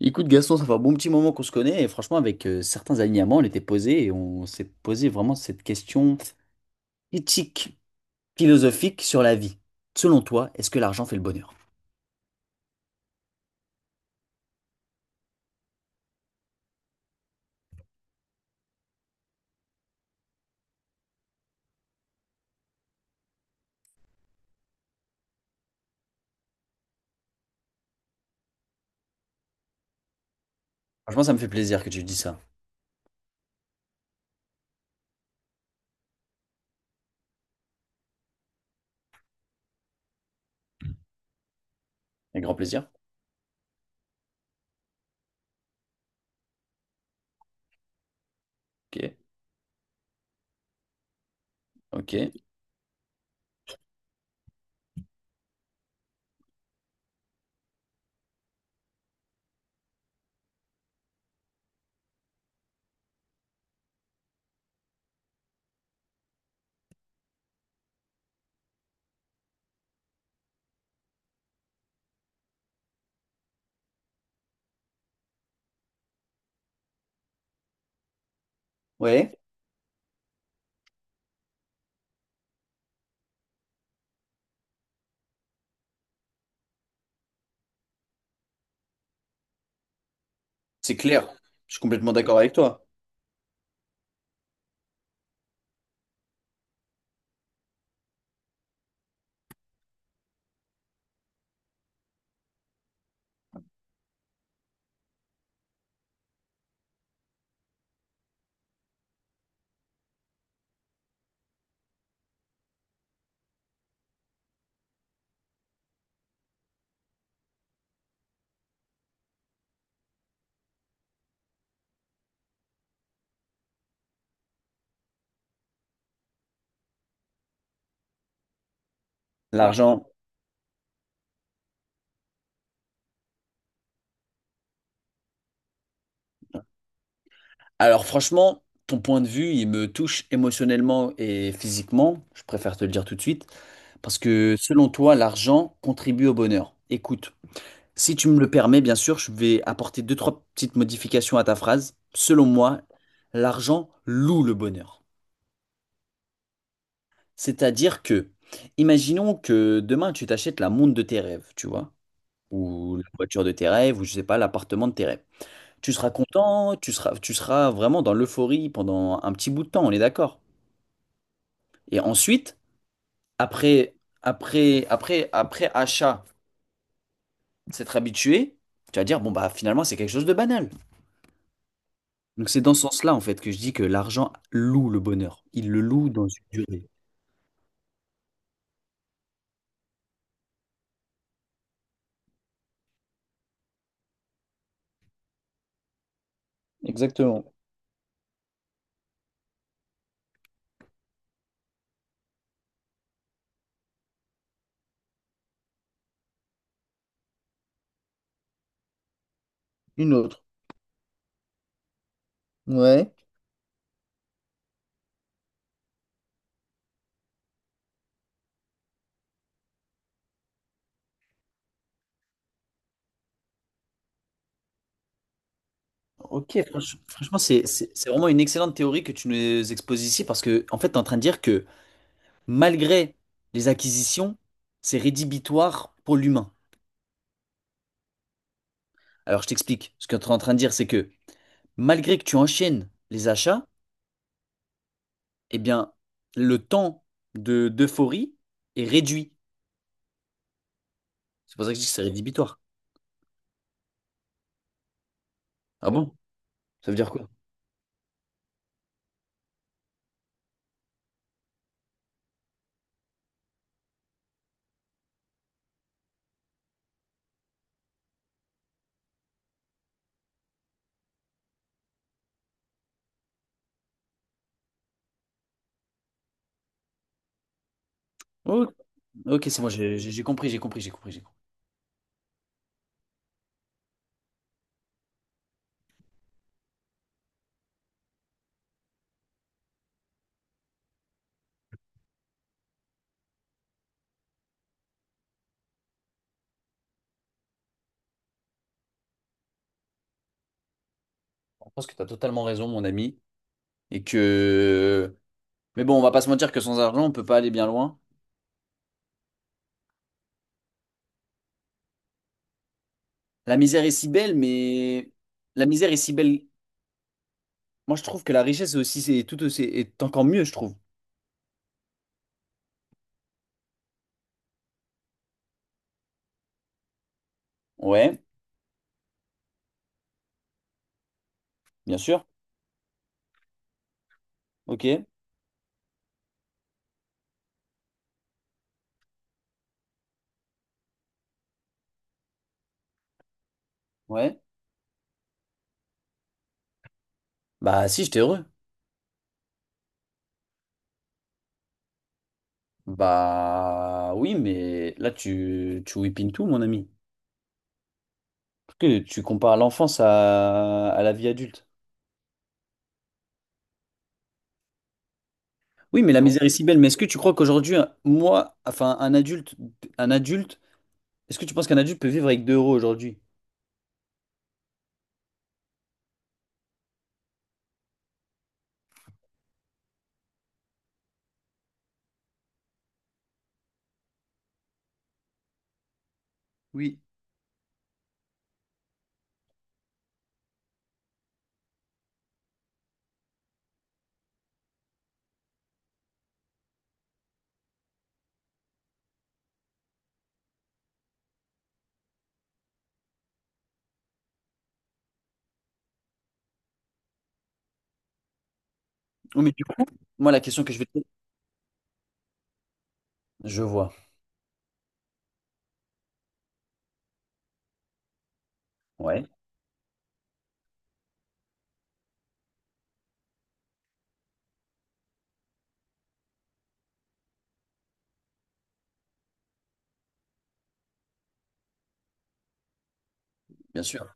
Écoute, Gaston, ça fait un bon petit moment qu'on se connaît et franchement, avec certains alignements, on était posé et on s'est posé vraiment cette question éthique, philosophique sur la vie. Selon toi, est-ce que l'argent fait le bonheur? Franchement, ça me fait plaisir que tu dis ça. Avec grand plaisir. Ok, ok. Ouais, c'est clair. Je suis complètement d'accord avec toi. L'argent. Alors franchement, ton point de vue, il me touche émotionnellement et physiquement. Je préfère te le dire tout de suite. Parce que selon toi, l'argent contribue au bonheur. Écoute. Si tu me le permets, bien sûr, je vais apporter deux, trois petites modifications à ta phrase. Selon moi, l'argent loue le bonheur. C'est-à-dire que, imaginons que demain tu t'achètes la montre de tes rêves, tu vois, ou la voiture de tes rêves, ou je sais pas, l'appartement de tes rêves. Tu seras content, tu seras vraiment dans l'euphorie pendant un petit bout de temps, on est d'accord. Et ensuite, après, après achat, s'être habitué, tu vas dire, bon bah finalement c'est quelque chose de banal. Donc c'est dans ce sens-là, en fait, que je dis que l'argent loue le bonheur. Il le loue dans une durée. Exactement. Une autre. Ouais. Ok, franchement, c'est vraiment une excellente théorie que tu nous exposes ici parce que, en fait, tu es en train de dire que malgré les acquisitions, c'est rédhibitoire pour l'humain. Alors, je t'explique. Ce que tu es en train de dire, c'est que malgré que tu enchaînes les achats, eh bien, le temps de d'euphorie est réduit. C'est pour ça que je dis que c'est rédhibitoire. Ah bon? Ça veut dire quoi? Ok, ok, c'est moi, j'ai compris, j'ai compris, j'ai compris, j'ai compris. Je pense que tu as totalement raison, mon ami. Et que. Mais bon, on va pas se mentir que sans argent, on peut pas aller bien loin. La misère est si belle, mais. La misère est si belle. Moi, je trouve que la richesse est aussi, c'est tout aussi, est encore mieux, je trouve. Ouais, bien sûr. Ok, ouais. Bah, si, j'étais heureux. Bah, oui, mais là, tu whippines tout, mon ami. Parce que tu compares l'enfance à la vie adulte. Oui, mais la misère est si belle. Mais est-ce que tu crois qu'aujourd'hui, moi, enfin, un adulte, est-ce que tu penses qu'un adulte peut vivre avec 2 euros aujourd'hui? Oui. Oui, mais du coup, moi, la question que je vais te Je vois. Ouais, bien sûr.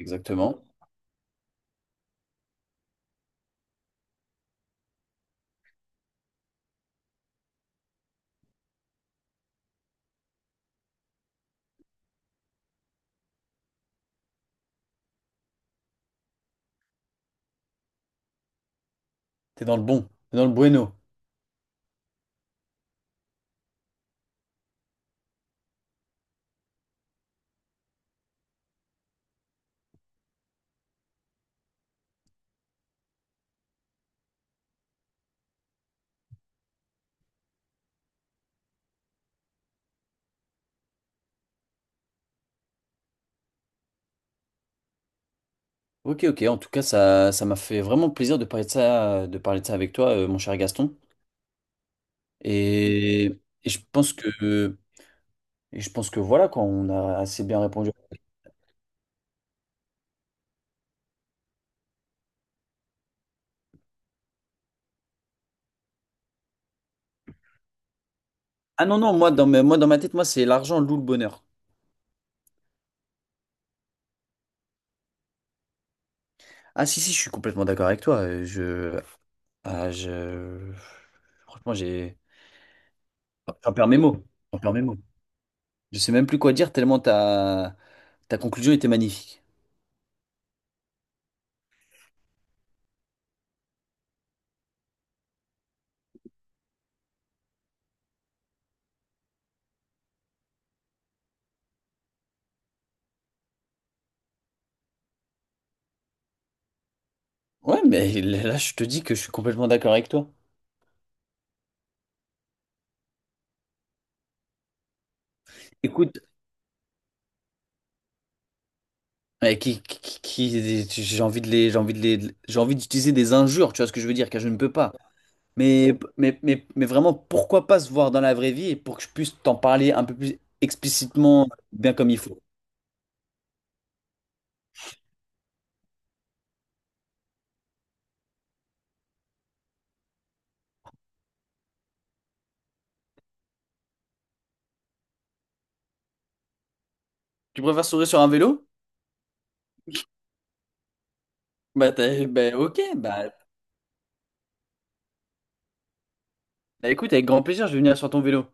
Exactement. T'es dans le bon. T'es dans le bueno. Ok, ok. En tout cas, ça m'a fait vraiment plaisir de parler de ça, de parler de ça avec toi, mon cher Gaston. Et, et je pense que, et je pense que voilà, quoi, on a assez bien répondu. Ah non, non, moi, dans ma tête, moi, c'est l'argent loue le bonheur. Ah si, si, je suis complètement d'accord avec toi. Je, Ah, je... Franchement, j'ai... J'en perds mes mots. J'en perds mes mots. Je sais même plus quoi dire tellement ta, ta conclusion était magnifique. Ouais, mais là, je te dis que je suis complètement d'accord avec toi. Écoute, j'ai envie de les, j'ai envie de les, j'ai envie d'utiliser des injures, tu vois ce que je veux dire, car je ne peux pas. Mais vraiment, pourquoi pas se voir dans la vraie vie et pour que je puisse t'en parler un peu plus explicitement, bien comme il faut. Tu préfères sourire sur un vélo? Bah, ok, bah, bah, écoute, avec grand plaisir, je vais venir sur ton vélo.